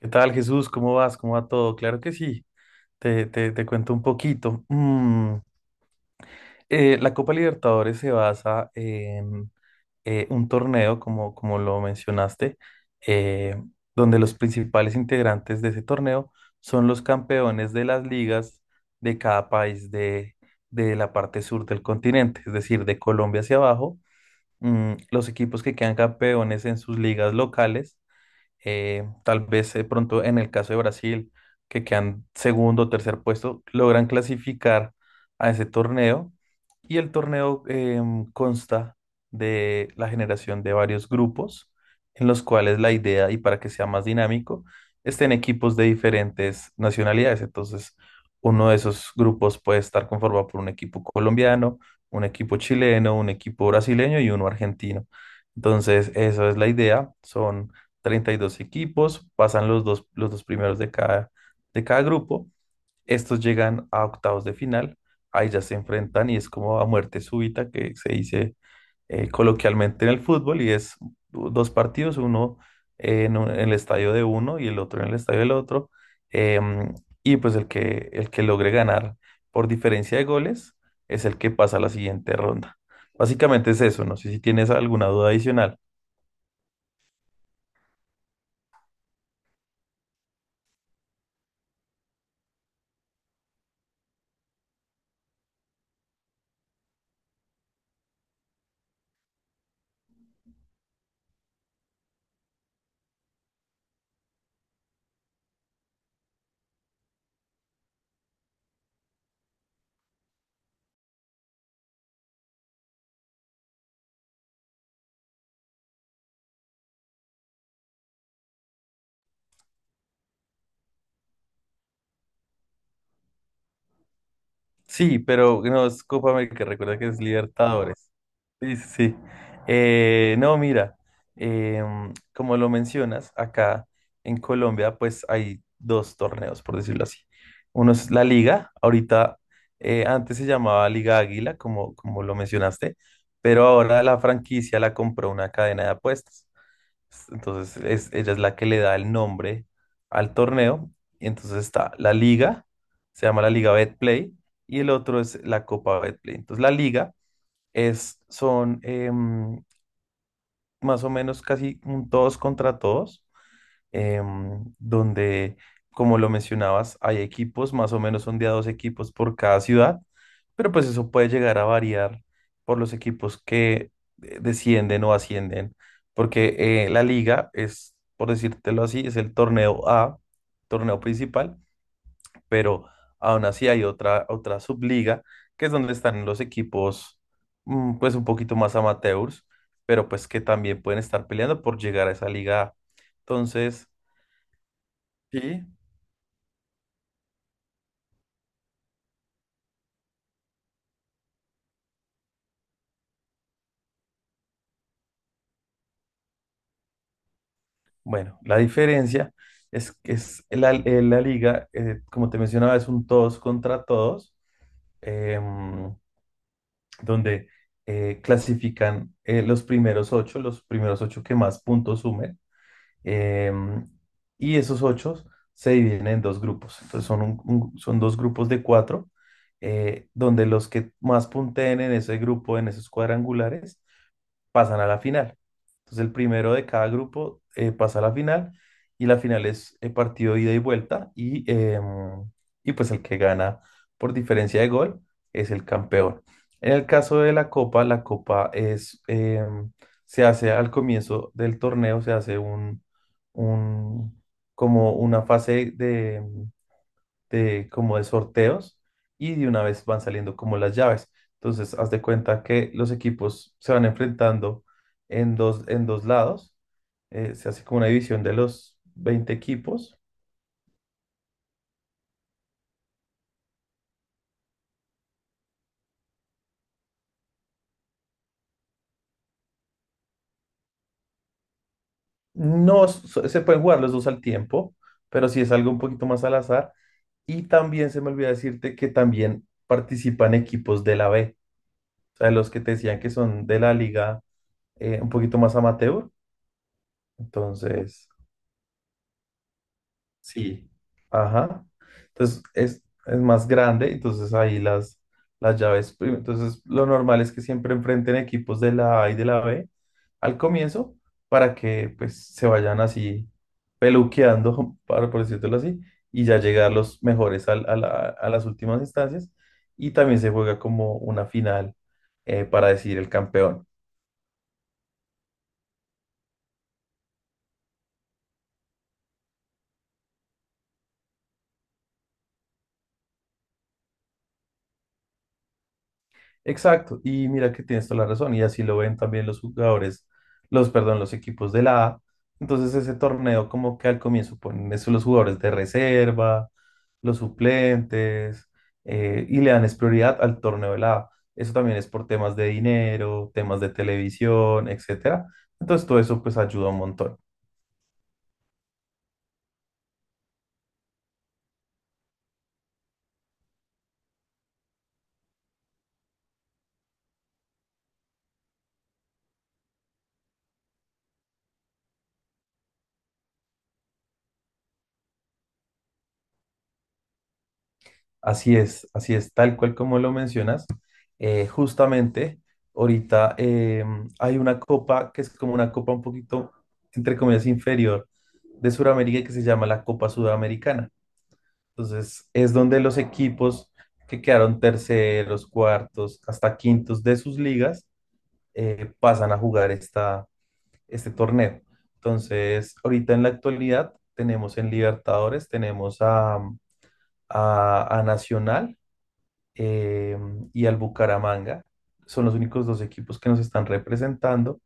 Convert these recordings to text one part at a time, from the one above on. ¿Qué tal, Jesús? ¿Cómo vas? ¿Cómo va todo? Claro que sí. Te cuento un poquito. La Copa Libertadores se basa en un torneo, como, como lo mencionaste, eh, donde los principales integrantes de ese torneo son los campeones de las ligas de cada país de la parte sur del continente, es decir, de Colombia hacia abajo. Los equipos que quedan campeones en sus ligas locales, tal vez de pronto en el caso de Brasil, que quedan segundo o tercer puesto, logran clasificar a ese torneo, y el torneo consta de la generación de varios grupos, en los cuales la idea, y para que sea más dinámico, estén equipos de diferentes nacionalidades. Entonces, uno de esos grupos puede estar conformado por un equipo colombiano, un equipo chileno, un equipo brasileño y uno argentino. Entonces, eso es la idea. Son 32 equipos, pasan los dos primeros de cada grupo. Estos llegan a octavos de final, ahí ya se enfrentan y es como a muerte súbita, que se dice coloquialmente en el fútbol, y es dos partidos, uno en el estadio de uno y el otro en el estadio del otro. em, y pues el el que logre ganar por diferencia de goles es el que pasa a la siguiente ronda. Básicamente es eso, no sé si tienes alguna duda adicional. Sí, pero no es Copa América, recuerda que es Libertadores. Sí, sí, sí. No, mira, como lo mencionas, acá en Colombia pues hay dos torneos, por decirlo así. Uno es la Liga, ahorita antes se llamaba Liga Águila, como, como lo mencionaste, pero ahora la franquicia la compró una cadena de apuestas. Entonces es, ella es la que le da el nombre al torneo. Y entonces está la Liga, se llama la Liga BetPlay, y el otro es la Copa BetPlay. Entonces la Liga es, son más o menos casi un todos contra todos, donde, como lo mencionabas, hay equipos, más o menos son de a dos equipos por cada ciudad, pero pues eso puede llegar a variar por los equipos que descienden o ascienden, porque la liga es, por decírtelo así, es el torneo A, torneo principal, pero aún así hay otra subliga, que es donde están los equipos pues un poquito más amateurs, pero pues que también pueden estar peleando por llegar a esa liga A. Entonces, sí, bueno, la diferencia es que es la, la liga, como te mencionaba, es un todos contra todos, em, donde clasifican los primeros ocho que más puntos sumen. Em, y esos ocho se dividen en dos grupos. Entonces son, son dos grupos de cuatro, donde los que más punteen en ese grupo, en esos cuadrangulares, pasan a la final. Entonces el primero de cada grupo pasa a la final y la final es partido ida y vuelta y pues el que gana por diferencia de gol es el campeón. En el caso de la copa es, se hace al comienzo del torneo, se hace un, como una fase de como de sorteos, y de una vez van saliendo como las llaves. Entonces, haz de cuenta que los equipos se van enfrentando en dos lados. Se hace como una división de los 20 equipos. No s- so, Se pueden jugar los dos al tiempo, pero sí es algo un poquito más al azar. Y también se me olvidó decirte que también participan equipos de la B, o sea, los que te decían que son de la liga, un poquito más amateur. Entonces... Sí. Ajá. Entonces es más grande, entonces ahí las llaves. Entonces lo normal es que siempre enfrenten equipos de la A y de la B al comienzo, para que pues se vayan así peluqueando, para, por decirlo así, y ya llegar los mejores a las últimas instancias. Y también se juega como una final, para decidir el campeón. Exacto, y mira que tienes toda la razón, y así lo ven también los jugadores, los, perdón, los equipos de la A. Entonces ese torneo como que al comienzo ponen eso los jugadores de reserva, los suplentes, y le dan es prioridad al torneo de la A. Eso también es por temas de dinero, temas de televisión, etcétera. Entonces todo eso pues ayuda un montón. Así es, tal cual como lo mencionas. Justamente, ahorita hay una copa que es como una copa un poquito, entre comillas, inferior, de Sudamérica, que se llama la Copa Sudamericana. Entonces, es donde los equipos que quedaron terceros, cuartos, hasta quintos de sus ligas, pasan a jugar este torneo. Entonces, ahorita en la actualidad tenemos en Libertadores, tenemos a Nacional eh, y al Bucaramanga. Son los únicos dos equipos que nos están representando.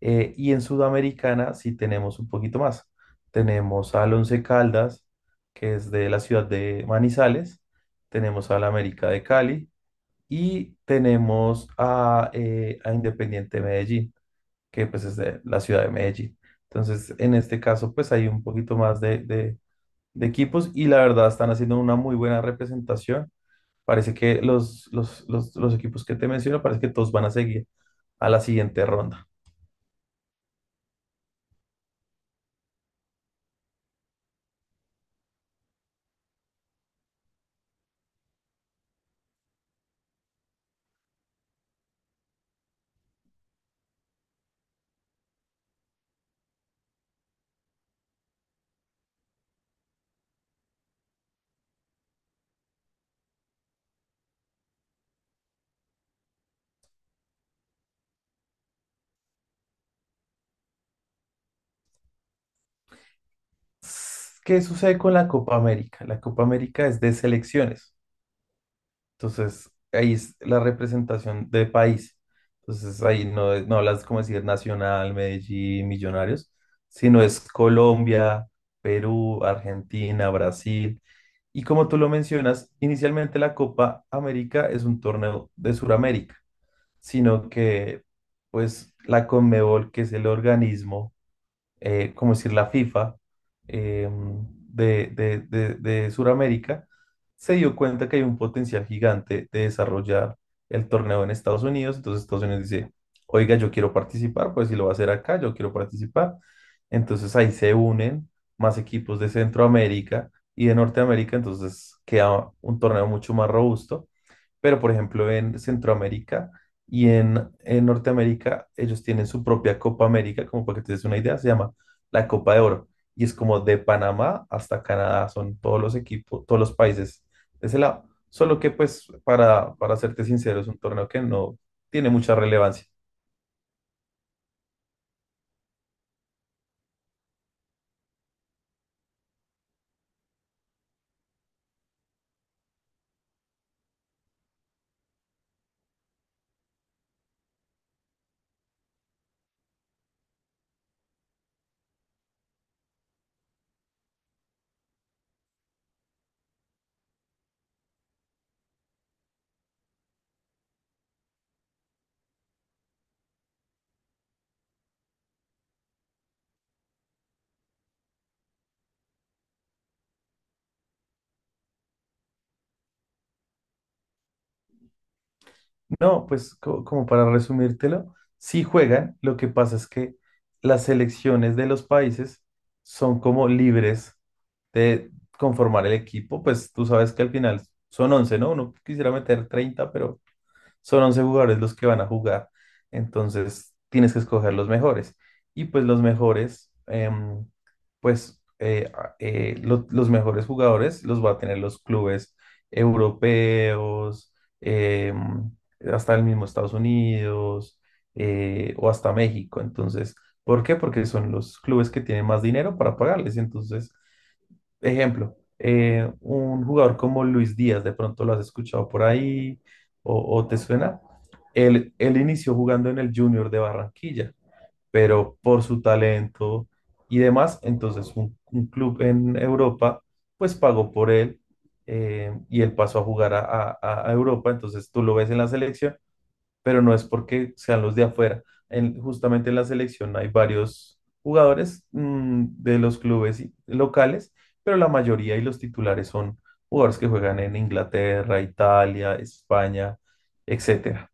Y en Sudamericana sí tenemos un poquito más. Tenemos al Once Caldas, que es de la ciudad de Manizales. Tenemos al América de Cali y tenemos a Independiente Medellín, que pues es de la ciudad de Medellín. Entonces, en este caso, pues hay un poquito más de equipos, y la verdad están haciendo una muy buena representación. Parece que los equipos que te menciono, parece que todos van a seguir a la siguiente ronda. ¿Qué sucede con la Copa América? La Copa América es de selecciones, entonces ahí es la representación de país. Entonces ahí no, no hablas como decir Nacional, Medellín, Millonarios, sino es Colombia, Perú, Argentina, Brasil. Y como tú lo mencionas, inicialmente la Copa América es un torneo de Sudamérica, sino que pues la Conmebol, que es el organismo, como decir la FIFA de Sudamérica, se dio cuenta que hay un potencial gigante de desarrollar el torneo en Estados Unidos, entonces Estados Unidos dice, oiga, yo quiero participar, pues si lo va a hacer acá, yo quiero participar. Entonces ahí se unen más equipos de Centroamérica y de Norteamérica, entonces queda un torneo mucho más robusto. Pero, por ejemplo, en Centroamérica y en Norteamérica, ellos tienen su propia Copa América, como para que te des una idea, se llama la Copa de Oro. Y es como de Panamá hasta Canadá, son todos los equipos, todos los países de ese lado. Solo que, pues, para serte sincero, es un torneo que no tiene mucha relevancia. No, pues como para resumírtelo, sí juegan, lo que pasa es que las selecciones de los países son como libres de conformar el equipo, pues tú sabes que al final son 11, ¿no? Uno quisiera meter 30, pero son 11 jugadores los que van a jugar, entonces tienes que escoger los mejores. Y pues los mejores, los mejores jugadores los va a tener los clubes europeos, em, hasta el mismo Estados Unidos, o hasta México. Entonces, ¿por qué? Porque son los clubes que tienen más dinero para pagarles. Entonces, ejemplo, un jugador como Luis Díaz, de pronto lo has escuchado por ahí o te suena. Él inició jugando en el Junior de Barranquilla, pero por su talento y demás, entonces un club en Europa pues pagó por él, y él pasó a jugar a Europa, entonces tú lo ves en la selección, pero no es porque sean los de afuera. Justamente en la selección hay varios jugadores, de los clubes locales, pero la mayoría y los titulares son jugadores que juegan en Inglaterra, Italia, España, etcétera.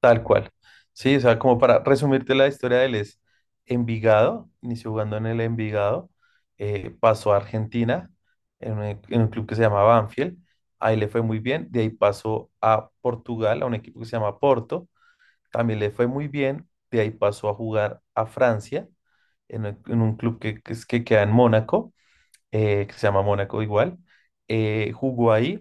Tal cual. Sí, o sea, como para resumirte, la historia de él es Envigado, inició jugando en el Envigado, pasó a Argentina, en un club que se llama Banfield, ahí le fue muy bien, de ahí pasó a Portugal, a un equipo que se llama Porto, también le fue muy bien, de ahí pasó a jugar a Francia, en un club que queda en Mónaco, que se llama Mónaco igual, jugó ahí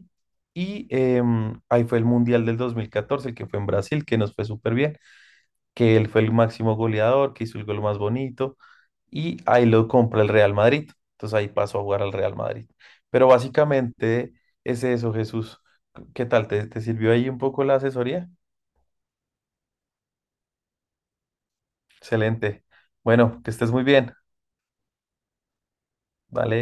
ahí fue el Mundial del 2014, el que fue en Brasil, que nos fue súper bien, que él fue el máximo goleador, que hizo el gol más bonito, y ahí lo compra el Real Madrid. Entonces ahí pasó a jugar al Real Madrid. Pero básicamente es eso, Jesús. ¿Qué tal? Te sirvió ahí un poco la asesoría? Excelente. Bueno, que estés muy bien. Dale.